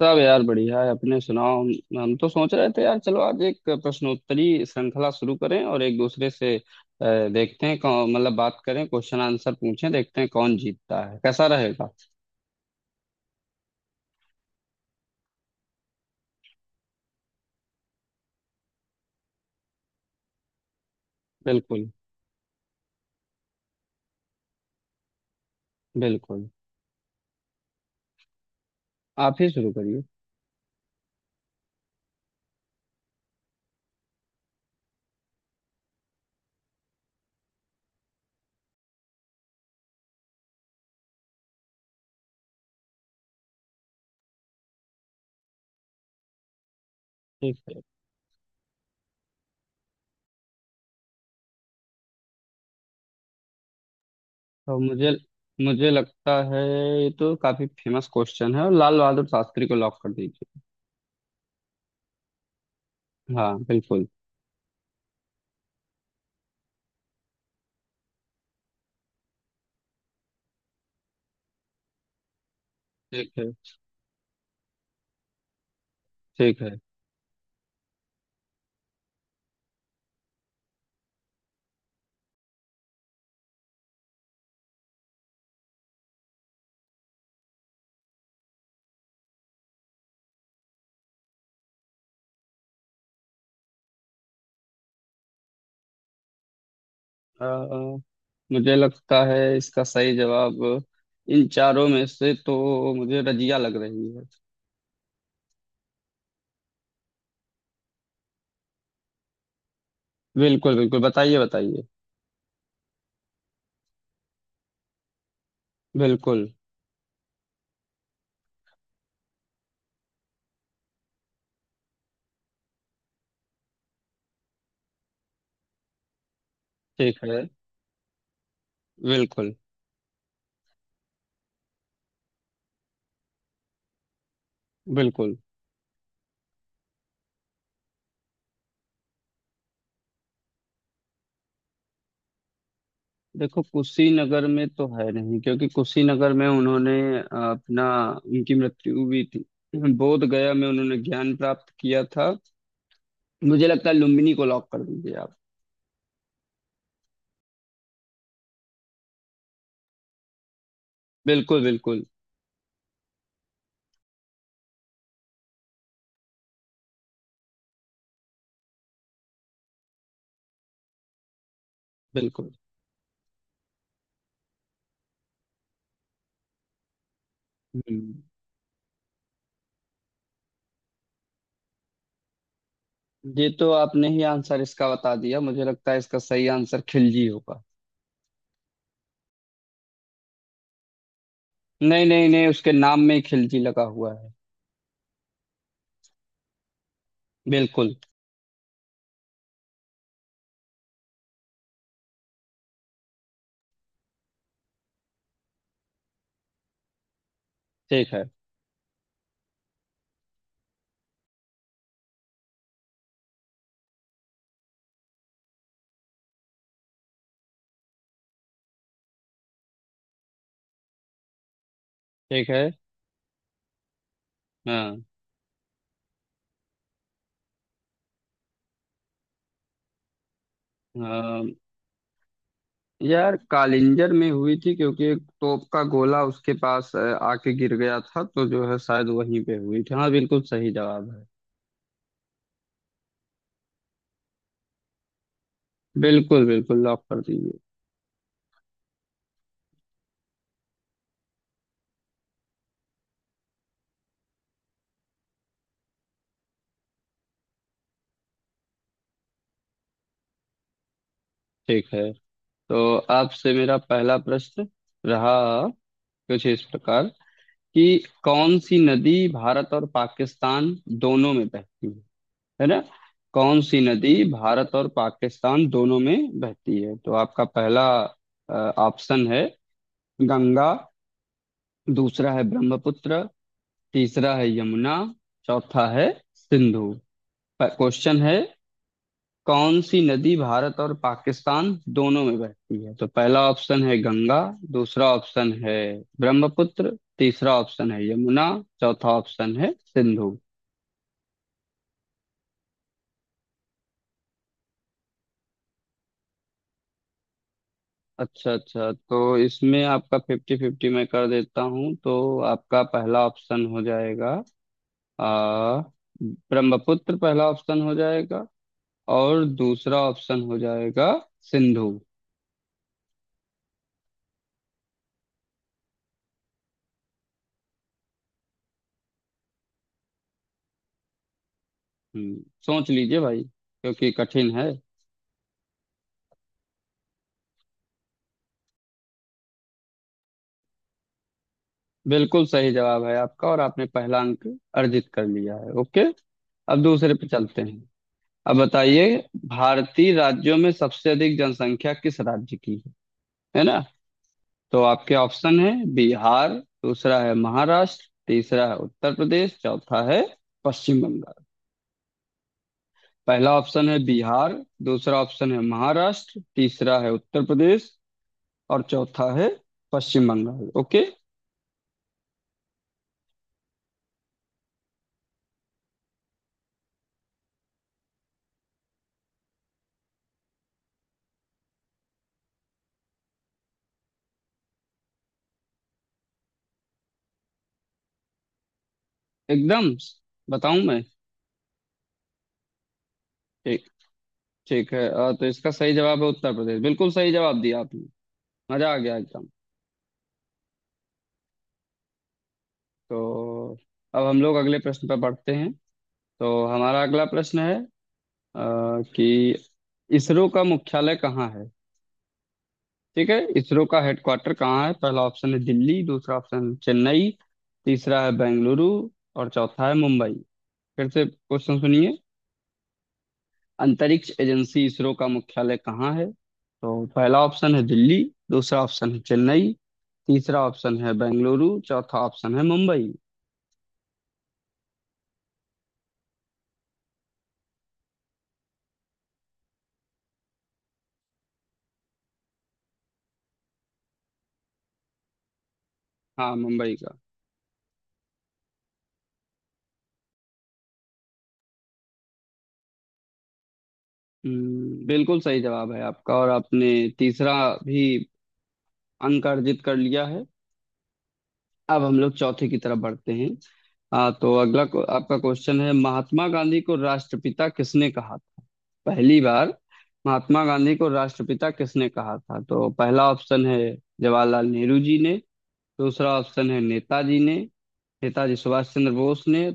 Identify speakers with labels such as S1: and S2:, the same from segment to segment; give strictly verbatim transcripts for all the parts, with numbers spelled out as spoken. S1: सब यार बढ़िया है। अपने सुनाओ। हम हम तो सोच रहे थे यार, चलो आज एक प्रश्नोत्तरी श्रृंखला शुरू करें और एक दूसरे से अ, देखते हैं कौन, मतलब बात करें, क्वेश्चन आंसर पूछें, देखते हैं कौन जीतता है। कैसा रहेगा? बिल्कुल, बिल्कुल। आप ही शुरू करिए। ठीक है। तो मुझे मुझे लगता है ये तो काफी फेमस क्वेश्चन है, और लाल बहादुर शास्त्री को लॉक कर दीजिए। हाँ बिल्कुल। ठीक है। ठीक है। अ, मुझे लगता है इसका सही जवाब, इन चारों में से तो मुझे रजिया लग रही है। बिल्कुल बिल्कुल, बताइए बताइए। बिल्कुल। ठीक है। बिल्कुल बिल्कुल। देखो कुशीनगर में तो है नहीं, क्योंकि कुशीनगर में उन्होंने अ, अपना उनकी मृत्यु हुई थी। बोध गया में उन्होंने ज्ञान प्राप्त किया था। मुझे लगता है लुम्बिनी को लॉक कर दीजिए आप। बिल्कुल बिल्कुल। बिल्कुल। हम्म, ये तो आपने ही आंसर इसका बता दिया। मुझे लगता है इसका सही आंसर खिलजी होगा। नहीं नहीं नहीं, उसके नाम में ही खिलजी लगा हुआ है। बिल्कुल। ठीक है। ठीक है। हाँ। हाँ यार, कालिंजर में हुई थी, क्योंकि एक तोप का गोला उसके पास अ, आके गिर गया था, तो जो है शायद वहीं पे हुई थी। हाँ बिल्कुल सही जवाब है। बिल्कुल बिल्कुल, लॉक कर दीजिए। ठीक है। तो आपसे मेरा पहला प्रश्न रहा कुछ इस प्रकार कि कौन सी नदी भारत और पाकिस्तान दोनों में बहती है है ना? कौन सी नदी भारत और पाकिस्तान दोनों में बहती है? तो आपका पहला ऑप्शन है गंगा, दूसरा है ब्रह्मपुत्र, तीसरा है यमुना, चौथा है सिंधु। क्वेश्चन है कौन सी नदी भारत और पाकिस्तान दोनों में बहती है? तो पहला ऑप्शन है गंगा, दूसरा ऑप्शन है ब्रह्मपुत्र, तीसरा ऑप्शन है यमुना, चौथा ऑप्शन है सिंधु। अच्छा अच्छा, तो इसमें आपका फिफ्टी फिफ्टी मैं कर देता हूँ। तो आपका पहला ऑप्शन हो जाएगा आ, ब्रह्मपुत्र, पहला ऑप्शन हो जाएगा, और दूसरा ऑप्शन हो जाएगा सिंधु। हम्म, सोच लीजिए भाई, क्योंकि कठिन है। बिल्कुल सही जवाब है आपका और आपने पहला अंक अर्जित कर लिया है। ओके। अब दूसरे पे चलते हैं। अब बताइए भारतीय राज्यों में सबसे अधिक जनसंख्या किस राज्य की है है ना? तो आपके ऑप्शन है बिहार, दूसरा है महाराष्ट्र, तीसरा है उत्तर प्रदेश, चौथा है पश्चिम बंगाल। पहला ऑप्शन है बिहार, दूसरा ऑप्शन है महाराष्ट्र, तीसरा है उत्तर प्रदेश, और चौथा है पश्चिम बंगाल। ओके। एकदम। बताऊं मैं? ठीक, ठीक है। अ, तो इसका सही जवाब है उत्तर प्रदेश। बिल्कुल सही जवाब दिया आपने, मजा आ गया एकदम। तो अब हम लोग अगले प्रश्न पर बढ़ते हैं। तो हमारा अगला प्रश्न है अ, कि इसरो का मुख्यालय कहाँ है। ठीक है, इसरो का हेडक्वार्टर कहाँ है? पहला ऑप्शन है दिल्ली, दूसरा ऑप्शन है चेन्नई, तीसरा है बेंगलुरु, और चौथा है मुंबई। फिर से क्वेश्चन सुनिए। अंतरिक्ष एजेंसी इसरो का मुख्यालय कहाँ है? तो पहला ऑप्शन है दिल्ली, दूसरा ऑप्शन है चेन्नई, तीसरा ऑप्शन है बेंगलुरु, चौथा ऑप्शन है मुंबई। हाँ मुंबई का। हम्म, बिल्कुल सही जवाब है आपका और आपने तीसरा भी अंक अर्जित कर लिया है। अब हम लोग चौथे की तरफ बढ़ते हैं। हाँ तो अगला को, आपका क्वेश्चन है महात्मा गांधी को राष्ट्रपिता किसने कहा था पहली बार? महात्मा गांधी को राष्ट्रपिता किसने कहा था? तो पहला ऑप्शन है जवाहरलाल नेहरू जी ने, दूसरा ऑप्शन है नेताजी ने, नेताजी सुभाष चंद्र बोस ने,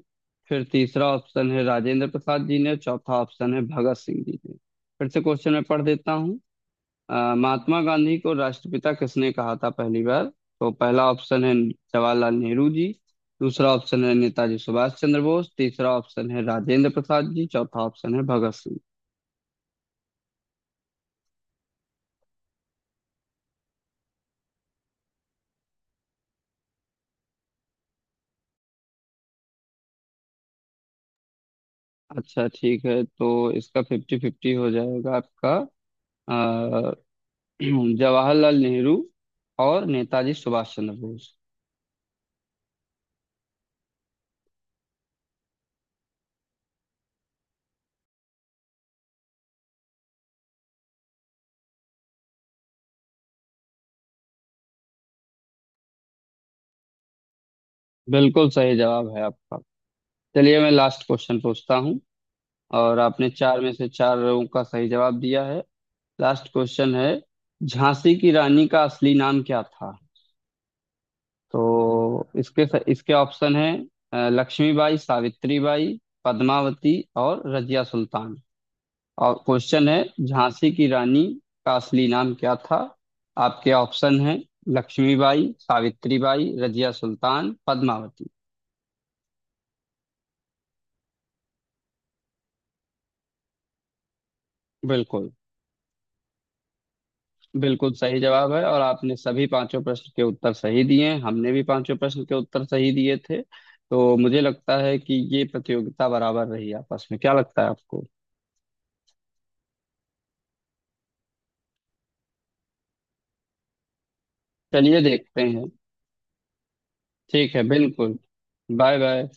S1: फिर तीसरा ऑप्शन है राजेंद्र प्रसाद जी ने, चौथा ऑप्शन है भगत सिंह जी ने। फिर से क्वेश्चन मैं पढ़ देता हूँ। अ, महात्मा गांधी को राष्ट्रपिता किसने कहा था पहली बार? तो पहला ऑप्शन है जवाहरलाल नेहरू जी, दूसरा ऑप्शन है नेताजी सुभाष चंद्र बोस, तीसरा ऑप्शन है राजेंद्र प्रसाद जी, चौथा ऑप्शन है भगत सिंह। अच्छा ठीक है, तो इसका फिफ्टी फिफ्टी हो जाएगा आपका। अ, जवाहरलाल नेहरू और नेताजी सुभाष चंद्र बोस। बिल्कुल सही जवाब है आपका। चलिए मैं लास्ट क्वेश्चन पूछता हूँ, और आपने चार में से चारों का सही जवाब दिया है। लास्ट क्वेश्चन है झांसी की रानी का असली नाम क्या था? तो इसके इसके ऑप्शन है अ, लक्ष्मीबाई, सावित्रीबाई, पद्मावती और रजिया सुल्तान। और क्वेश्चन है झांसी की रानी का असली नाम क्या था? आपके ऑप्शन है लक्ष्मीबाई, सावित्रीबाई, रजिया सुल्तान, पद्मावती। बिल्कुल। बिल्कुल सही जवाब है, और आपने सभी पांचों प्रश्न के उत्तर सही दिए हैं। हमने भी पांचों प्रश्न के उत्तर सही दिए थे, तो मुझे लगता है कि ये प्रतियोगिता बराबर रही आपस में। क्या लगता है आपको? चलिए देखते हैं। ठीक है बिल्कुल। Bye bye.